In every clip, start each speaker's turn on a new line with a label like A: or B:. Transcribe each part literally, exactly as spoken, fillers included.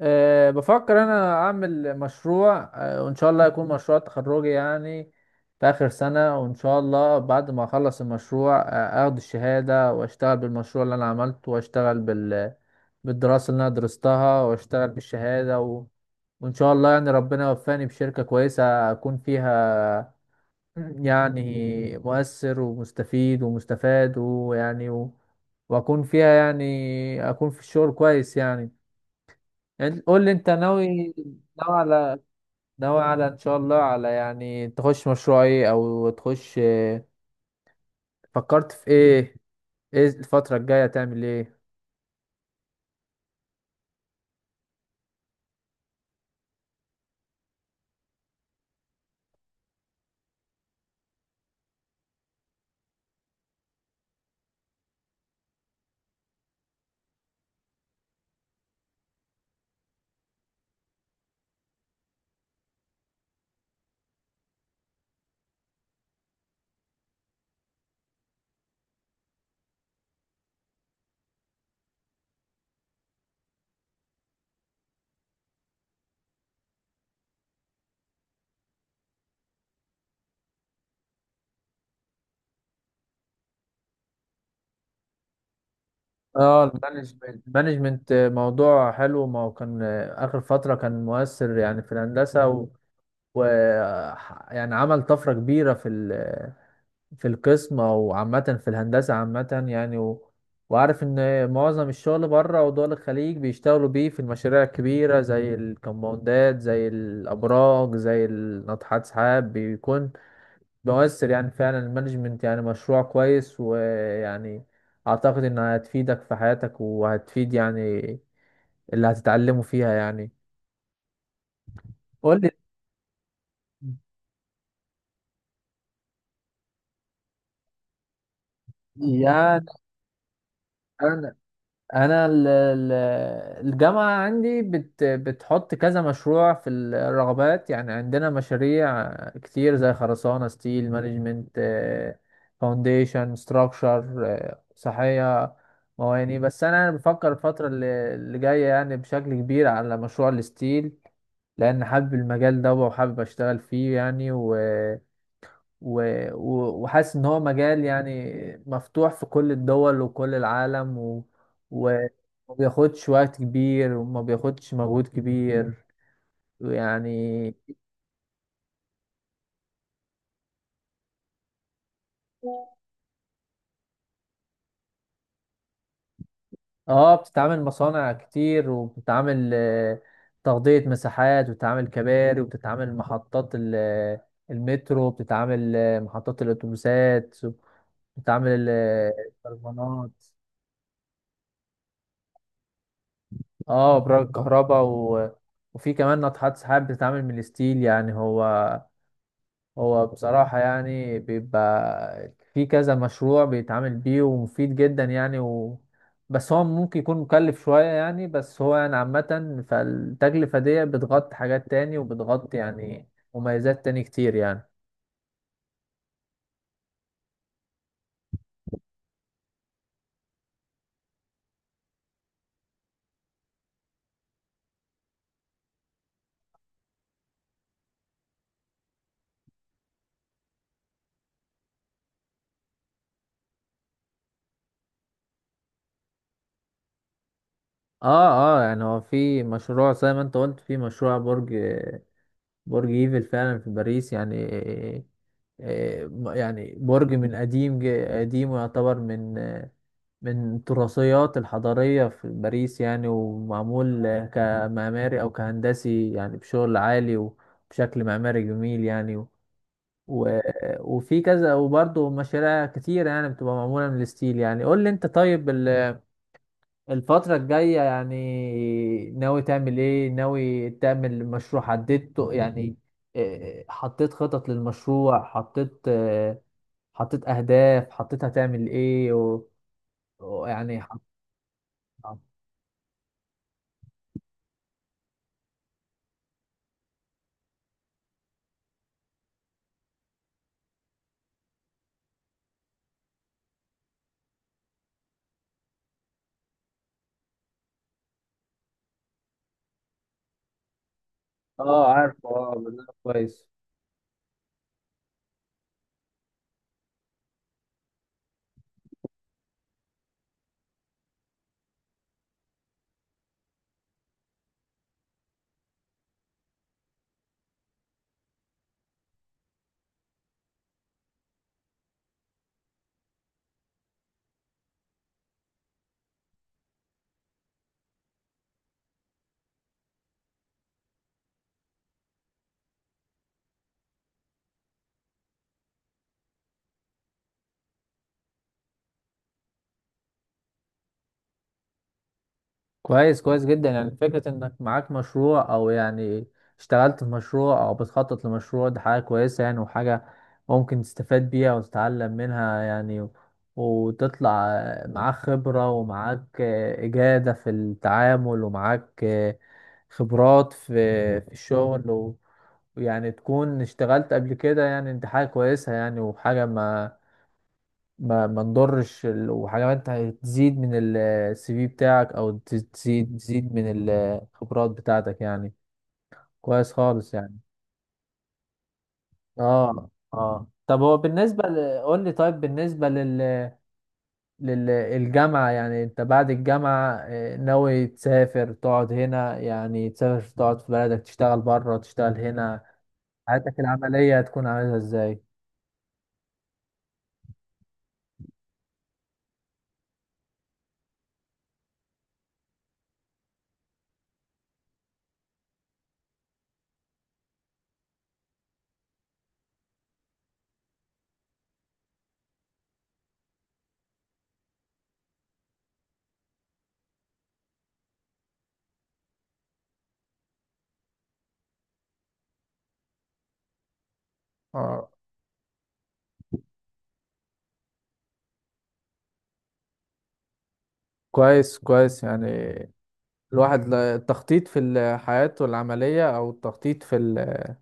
A: أه بفكر انا اعمل مشروع أه وان شاء الله يكون مشروع تخرجي يعني في اخر سنة. وان شاء الله بعد ما اخلص المشروع أه اخد الشهادة واشتغل بالمشروع اللي انا عملته واشتغل بال بالدراسة اللي انا درستها واشتغل بالشهادة و... وان شاء الله يعني ربنا يوفقني بشركة كويسة اكون فيها يعني مؤثر ومستفيد ومستفاد ويعني و... واكون فيها يعني اكون في الشغل كويس يعني. يعني قول لي انت ناوي ناوي على ناوي على ان شاء الله، على يعني تخش مشروع ايه، او تخش اه، فكرت في ايه؟ ايه الفترة الجاية تعمل ايه؟ اه المانجمنت المانجمنت موضوع حلو. ما هو كان اه، اخر فترة كان مؤثر يعني في الهندسة و, و ح- يعني عمل طفرة كبيرة في في القسم او عامه في الهندسه عامه يعني و... وعارف ان معظم الشغل بره ودول الخليج بيشتغلوا بيه في المشاريع الكبيره زي الكمباوندات زي الابراج زي ناطحات سحاب، بيكون مؤثر يعني فعلا. المانجمنت يعني مشروع كويس، ويعني اعتقد انها هتفيدك في حياتك وهتفيد يعني اللي هتتعلمه فيها يعني. قول لي يعني. أنا- انا ال- ال- الجامعه عندي بت بتحط كذا مشروع في الرغبات يعني. عندنا مشاريع كتير زي خرسانه، ستيل، مانجمنت، فاونديشن، ستراكشر، صحيه، مواني. بس انا بفكر الفتره اللي اللي جايه يعني بشكل كبير على مشروع الستيل، لان حابب المجال ده وحابب اشتغل فيه يعني و و- و- وحاسس ان هو مجال يعني مفتوح في كل الدول وكل العالم و... و- وما بياخدش وقت كبير وما بياخدش مجهود كبير يعني. اه بتتعامل مصانع كتير، وبتتعامل آه، تغطية مساحات، وبتتعامل كباري، وبتتعامل محطات ال- المترو، بتتعامل آه، محطات الأتوبيسات، بتتعامل آه، الكرفانات. اه ابراج الكهرباء و... وفي كمان ناطحات سحاب بتتعامل من الستيل يعني. هو هو بصراحة يعني بيبقى في كذا مشروع بيتعامل بيه ومفيد جدا يعني و... بس هو ممكن يكون مكلف شوية يعني. بس هو يعني عامة، فالتكلفة دي بتغطي حاجات تاني وبتغطي يعني مميزات تاني كتير يعني. اه اه يعني هو في مشروع زي ما انت قلت، في مشروع برج برج ايفل فعلا في باريس يعني آه، آه، يعني برج من قديم ج- قديم ويعتبر من آه، من التراثيات الحضارية في باريس يعني، ومعمول آه، كمعماري أو كهندسي يعني بشغل عالي وبشكل معماري جميل يعني و و- وفي كذا، وبرضه مشاريع كتيرة يعني بتبقى معمولة من الستيل يعني. قول لي أنت، طيب، ال... الفترة الجاية يعني ناوي تعمل ايه؟ ناوي تعمل مشروع حددته يعني؟ إيه، حطيت خطط للمشروع، حطيت آه، حطيت اهداف، حطيت هتعمل ايه و... و- يعني حط... اه، عارف، اه بالله كويس. كويس، كويس جدا يعني. فكرة انك معاك مشروع، او يعني اشتغلت في مشروع، او بتخطط لمشروع، دي حاجة كويسة يعني، وحاجة ممكن تستفاد بيها وتتعلم منها يعني، وتطلع معاك خبرة، ومعاك آه، إجادة في التعامل، ومعاك آه، خبرات في في الشغل و- ويعني تكون اشتغلت قبل كده يعني، دي حاجة كويسة يعني وحاجة ما ما ما نضرش ال- وحاجات هتزيد من السي في بتاعك، او تز- تزيد تزيد من الخبرات بتاعتك يعني. كويس خالص يعني. اه اه، طب هو بالنسبة ل... قول لي طيب. بالنسبة لل... للجامعة، يعني انت بعد الجامعة آه، ناوي تسافر تقعد هنا، يعني تسافر تقعد في بلدك، تشتغل بره، تشتغل هنا، حياتك العملية هتكون عاملها ازاي؟ اه، كويس كويس يعني. الواحد لا- التخطيط في ال- حياته العملية، أو التخطيط في ال...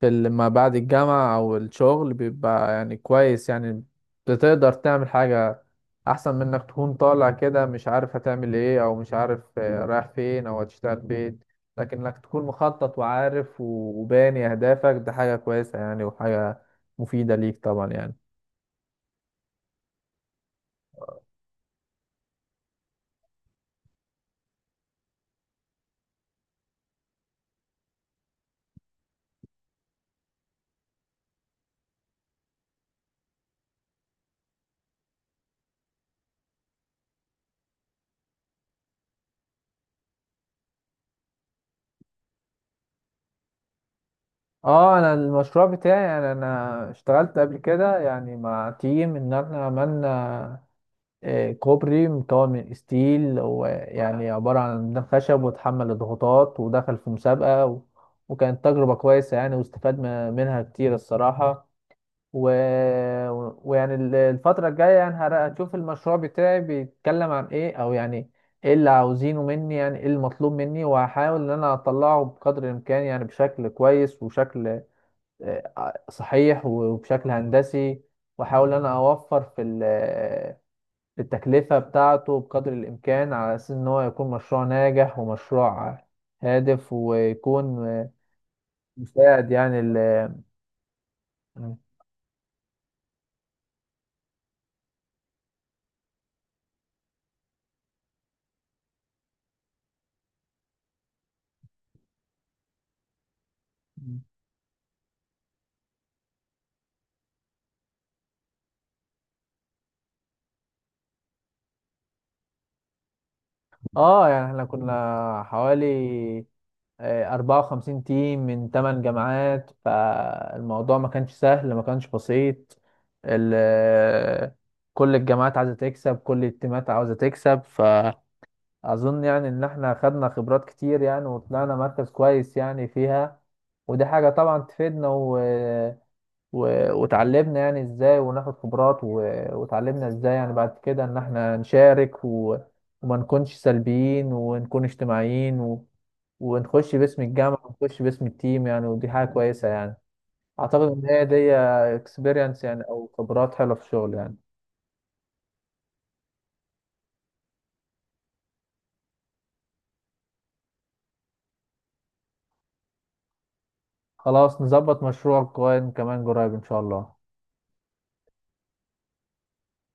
A: في ال- ما بعد الجامعة أو الشغل، بيبقى يعني كويس يعني. بتقدر تعمل حاجة أحسن من إنك تكون طالع كده مش عارف هتعمل إيه، أو مش عارف آه، رايح فين أو هتشتغل فين. لكن إنك تكون مخطط وعارف و- وباني أهدافك، ده حاجة كويسة يعني وحاجة مفيدة ليك طبعا يعني. اه، انا المشروع بتاعي يعني انا اشتغلت قبل كده يعني مع تيم ان احنا عملنا آه، كوبري مكون من ستيل، ويعني عبارة عن ميدان خشب، واتحمل الضغوطات، ودخل في مسابقة و... وكانت تجربة كويسة يعني، واستفاد م- منها كتير الصراحة. و... و- ويعني ال- الفترة الجاية يعني هر- هتشوف المشروع بتاعي بيتكلم عن ايه، او يعني ايه اللي عاوزينه مني، يعني ايه المطلوب مني. وهحاول ان انا اطلعه بقدر الامكان يعني بشكل كويس، وشكل آه، صحيح وبشكل هندسي، واحاول ان انا اوفر في ال التكلفة بتاعته بقدر الإمكان، على أساس إن هو يكون مشروع ناجح ومشروع هادف، ويكون مساعد يعني ال آه يعني إحنا كنا حوالي آه، أربعة وخمسين تيم من تمن جامعات. فالموضوع ما كانش سهل، ما كانش بسيط ال- كل الجامعات عايزة تكسب، كل التيمات عاوزة تكسب ف اظن يعني ان احنا خدنا خبرات كتير يعني، وطلعنا مركز كويس يعني فيها. ودي حاجة طبعا تفيدنا و... و... وتعلمنا يعني ازاي وناخد خبرات و... وتعلمنا ازاي يعني بعد كده ان احنا نشارك و... وما نكونش سلبيين، ونكون اجتماعيين و... ونخش باسم الجامعة، ونخش باسم التيم يعني. ودي حاجة كويسة يعني، اعتقد ان هي دي اكسبيرينس يعني، او خبرات حلوة في الشغل يعني. خلاص، نظبط مشروع كوين كمان قريب ان شاء الله.